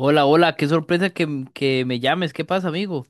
Hola, hola, qué sorpresa que me llames. ¿Qué pasa, amigo?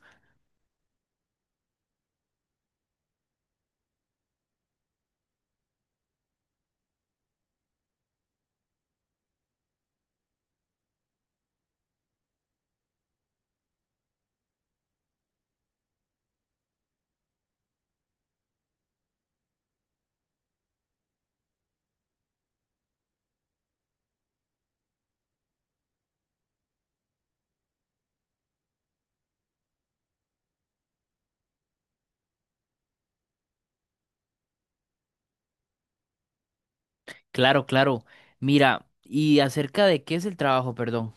Claro, claro. Mira, ¿y acerca de qué es el trabajo, perdón?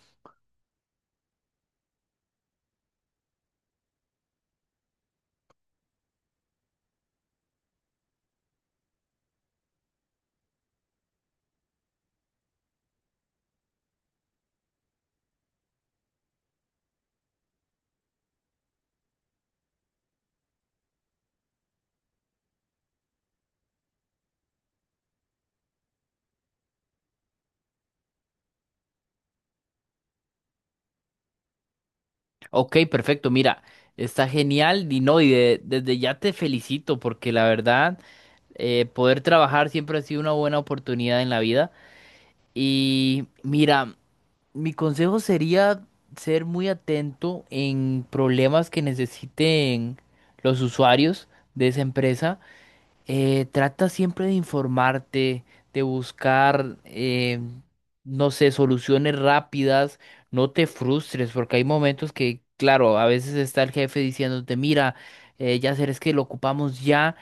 Ok, perfecto, mira, está genial y no, desde ya te felicito porque la verdad, poder trabajar siempre ha sido una buena oportunidad en la vida. Y mira, mi consejo sería ser muy atento en problemas que necesiten los usuarios de esa empresa, trata siempre de informarte, de buscar, no sé, soluciones rápidas, no te frustres, porque hay momentos que, claro, a veces está el jefe diciéndote, mira, ya será es que lo ocupamos ya,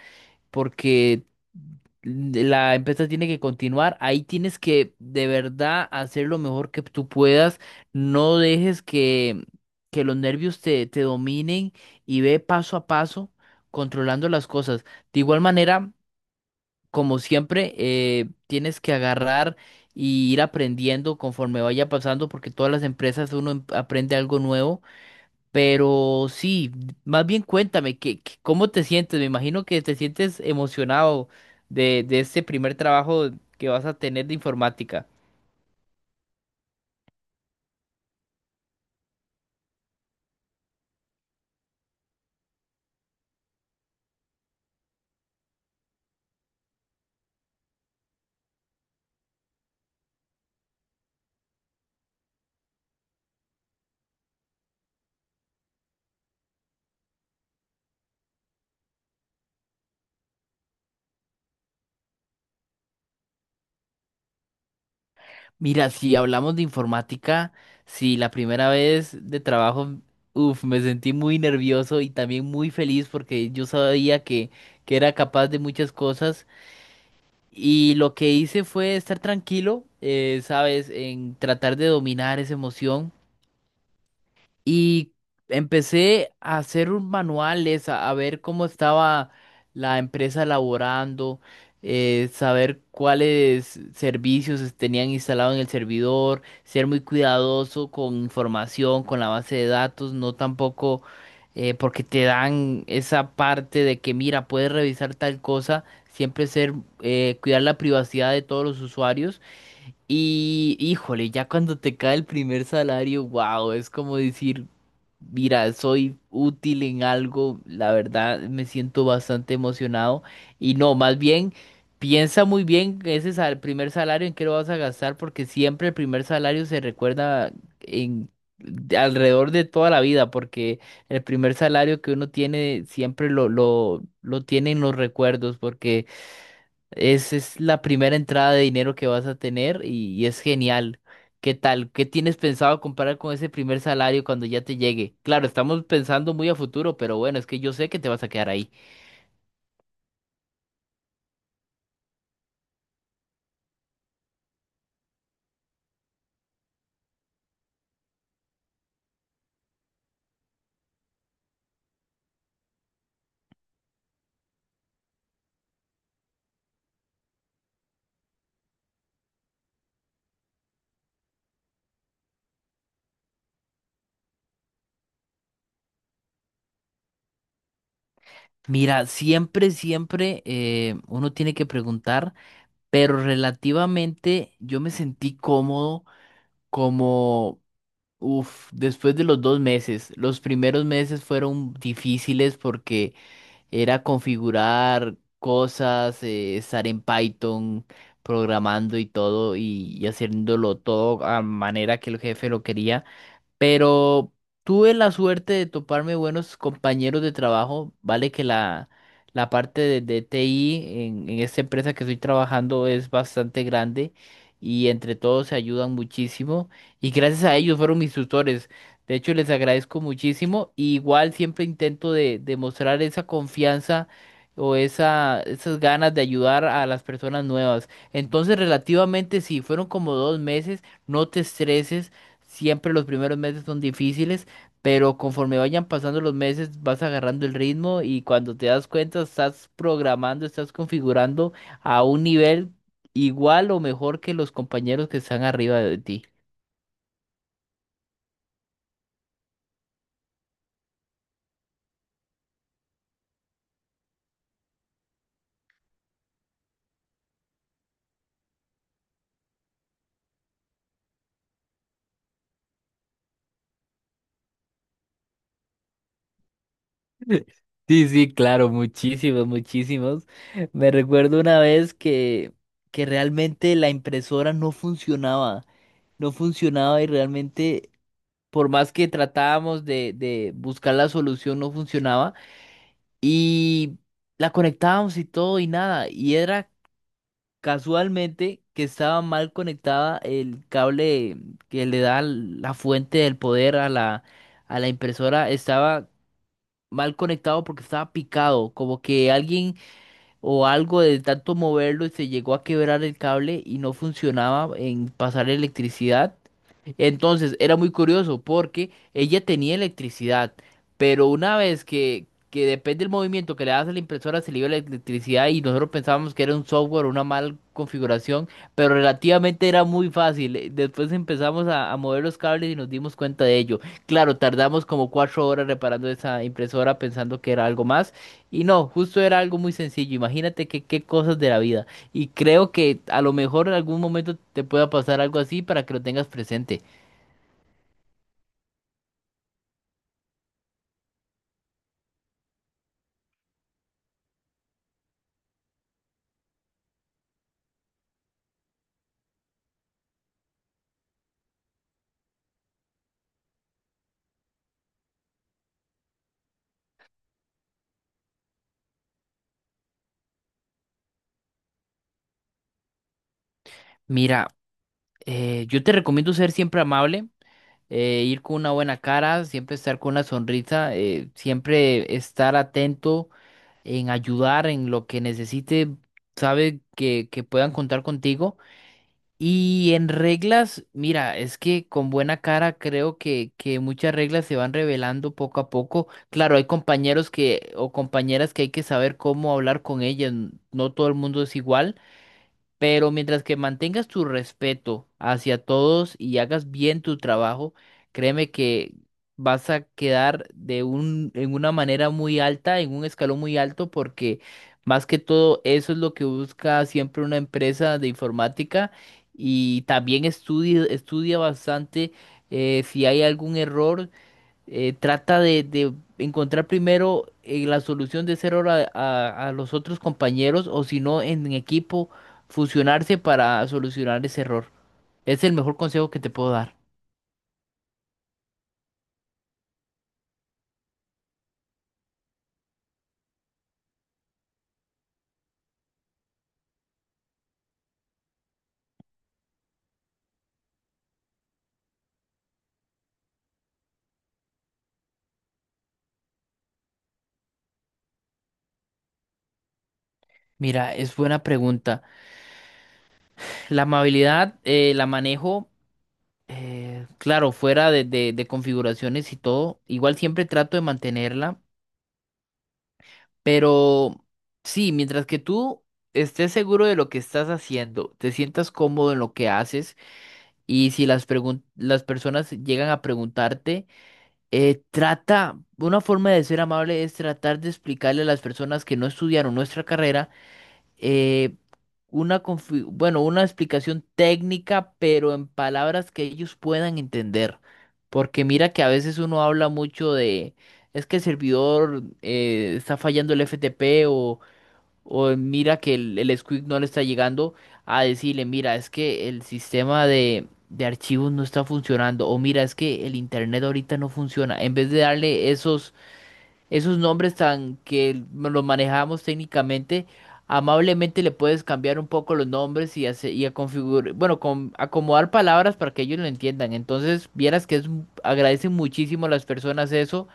porque la empresa tiene que continuar, ahí tienes que de verdad hacer lo mejor que tú puedas, no dejes que los nervios te dominen y ve paso a paso controlando las cosas. De igual manera, como siempre, tienes que agarrar y ir aprendiendo conforme vaya pasando, porque todas las empresas aprende algo nuevo. Pero sí, más bien cuéntame, cómo te sientes? Me imagino que te sientes emocionado de este primer trabajo que vas a tener de informática. Mira, si hablamos de informática, sí, la primera vez de trabajo, uff, me sentí muy nervioso y también muy feliz porque yo sabía que era capaz de muchas cosas. Y lo que hice fue estar tranquilo, ¿sabes? En tratar de dominar esa emoción. Y empecé a hacer un manuales, a ver cómo estaba la empresa elaborando, saber cuáles tenían instalado en el servidor, ser muy cuidadoso con información, con la base de datos, no tampoco, porque te dan esa parte de que mira, puedes revisar tal cosa, siempre ser, cuidar la privacidad de todos los usuarios. Y híjole, ya cuando te cae el primer salario, wow, es como decir, mira, soy útil en algo, la verdad me siento bastante emocionado. Y no, más bien, piensa muy bien ese primer salario en qué lo vas a gastar, porque siempre el primer salario se recuerda en de alrededor de toda la vida, porque el primer salario que uno tiene siempre lo tiene en los recuerdos, porque es la primera entrada de dinero que vas a tener y es genial. ¿Qué tal? ¿Qué tienes pensado comparar con ese primer salario cuando ya te llegue? Claro, estamos pensando muy a futuro, pero bueno, es que yo sé que te vas a quedar ahí. Mira, siempre uno tiene que preguntar, pero relativamente yo me sentí cómodo como, uff, después de los 2 meses. Los primeros meses fueron difíciles porque era configurar cosas, estar en Python, programando y todo, y haciéndolo todo a manera que el jefe lo quería. Pero tuve la suerte de toparme buenos compañeros de trabajo. Vale que la parte de TI en esta empresa que estoy trabajando es bastante grande y entre todos se ayudan muchísimo. Y gracias a ellos fueron mis tutores. De hecho, les agradezco muchísimo. Y igual siempre intento de, demostrar esa confianza o esas ganas de ayudar a las personas nuevas. Entonces, relativamente sí, fueron como 2 meses. No te estreses. Siempre los primeros meses son difíciles, pero conforme vayan pasando los meses vas agarrando el ritmo y cuando te das cuenta estás programando, estás configurando a un nivel igual o mejor que los compañeros que están arriba de ti. Sí, sí, claro, muchísimos, muchísimos. Me recuerdo una vez que realmente la impresora no funcionaba, no funcionaba y realmente por más que tratábamos de buscar la solución no funcionaba. Y la conectábamos y todo y nada. Y era casualmente que estaba mal conectada el cable que le da la fuente del poder a a la impresora. Estaba mal conectado porque estaba picado. Como que alguien o algo de tanto moverlo y se llegó a quebrar el cable y no funcionaba en pasar electricidad. Entonces era muy curioso porque ella tenía electricidad, pero una vez que depende del movimiento que le das a la impresora se le iba la electricidad y nosotros pensábamos que era un software, una mala configuración, pero relativamente era muy fácil. Después empezamos a mover los cables y nos dimos cuenta de ello. Claro, tardamos como 4 horas reparando esa impresora pensando que era algo más. Y no, justo era algo muy sencillo. Imagínate que qué cosas de la vida. Y creo que a lo mejor en algún momento te pueda pasar algo así para que lo tengas presente. Mira, yo te recomiendo ser siempre amable, ir con una buena cara, siempre estar con una sonrisa, siempre estar atento en ayudar en lo que necesite, sabe que puedan contar contigo. Y en reglas, mira, es que con buena cara creo que muchas reglas se van revelando poco a poco. Claro, hay compañeros que o compañeras que hay que saber cómo hablar con ellas, no todo el mundo es igual. Pero mientras que mantengas tu respeto hacia todos y hagas bien tu trabajo, créeme que vas a quedar en una manera muy alta, en un escalón muy alto, porque más que todo eso es lo que busca siempre una empresa de informática y también estudia, estudia bastante, si hay algún error, trata de encontrar primero, la solución de ser hora a los otros compañeros o si no en equipo fusionarse para solucionar ese error. Es el mejor consejo que te puedo dar. Mira, es buena pregunta. La amabilidad, la manejo, claro, fuera de configuraciones y todo. Igual siempre trato de mantenerla, pero sí, mientras que tú estés seguro de lo que estás haciendo, te sientas cómodo en lo que haces. Y si las personas llegan a preguntarte, trata, una forma de ser amable es tratar de explicarle a las personas que no estudiaron nuestra carrera, eh, una, bueno, una explicación técnica, pero en palabras que ellos puedan entender. Porque mira que a veces uno habla mucho de, es que el servidor está fallando el FTP o mira que el Squeak no le está llegando a decirle, mira, es que el sistema de archivos no está funcionando. O mira, es que el internet ahorita no funciona. En vez de darle esos nombres tan que los manejamos técnicamente, amablemente le puedes cambiar un poco los nombres y, y a configurar, bueno, con, acomodar palabras para que ellos lo entiendan. Entonces, vieras que es, agradecen muchísimo a las personas eso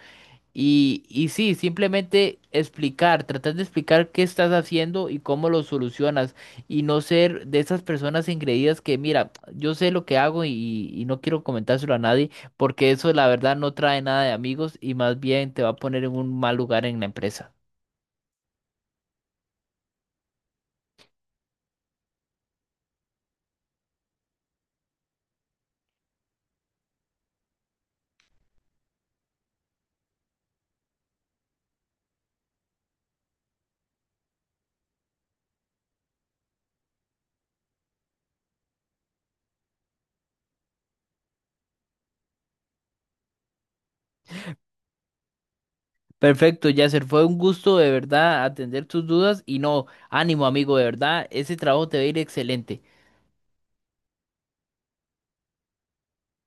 y sí, simplemente explicar, tratar de explicar qué estás haciendo y cómo lo solucionas y no ser de esas personas ingreídas que, mira, yo sé lo que hago y no quiero comentárselo a nadie porque eso la verdad no trae nada de amigos y más bien te va a poner en un mal lugar en la empresa. Perfecto, Yasser, fue un gusto de verdad atender tus dudas y no, ánimo amigo, de verdad, ese trabajo te va a ir excelente.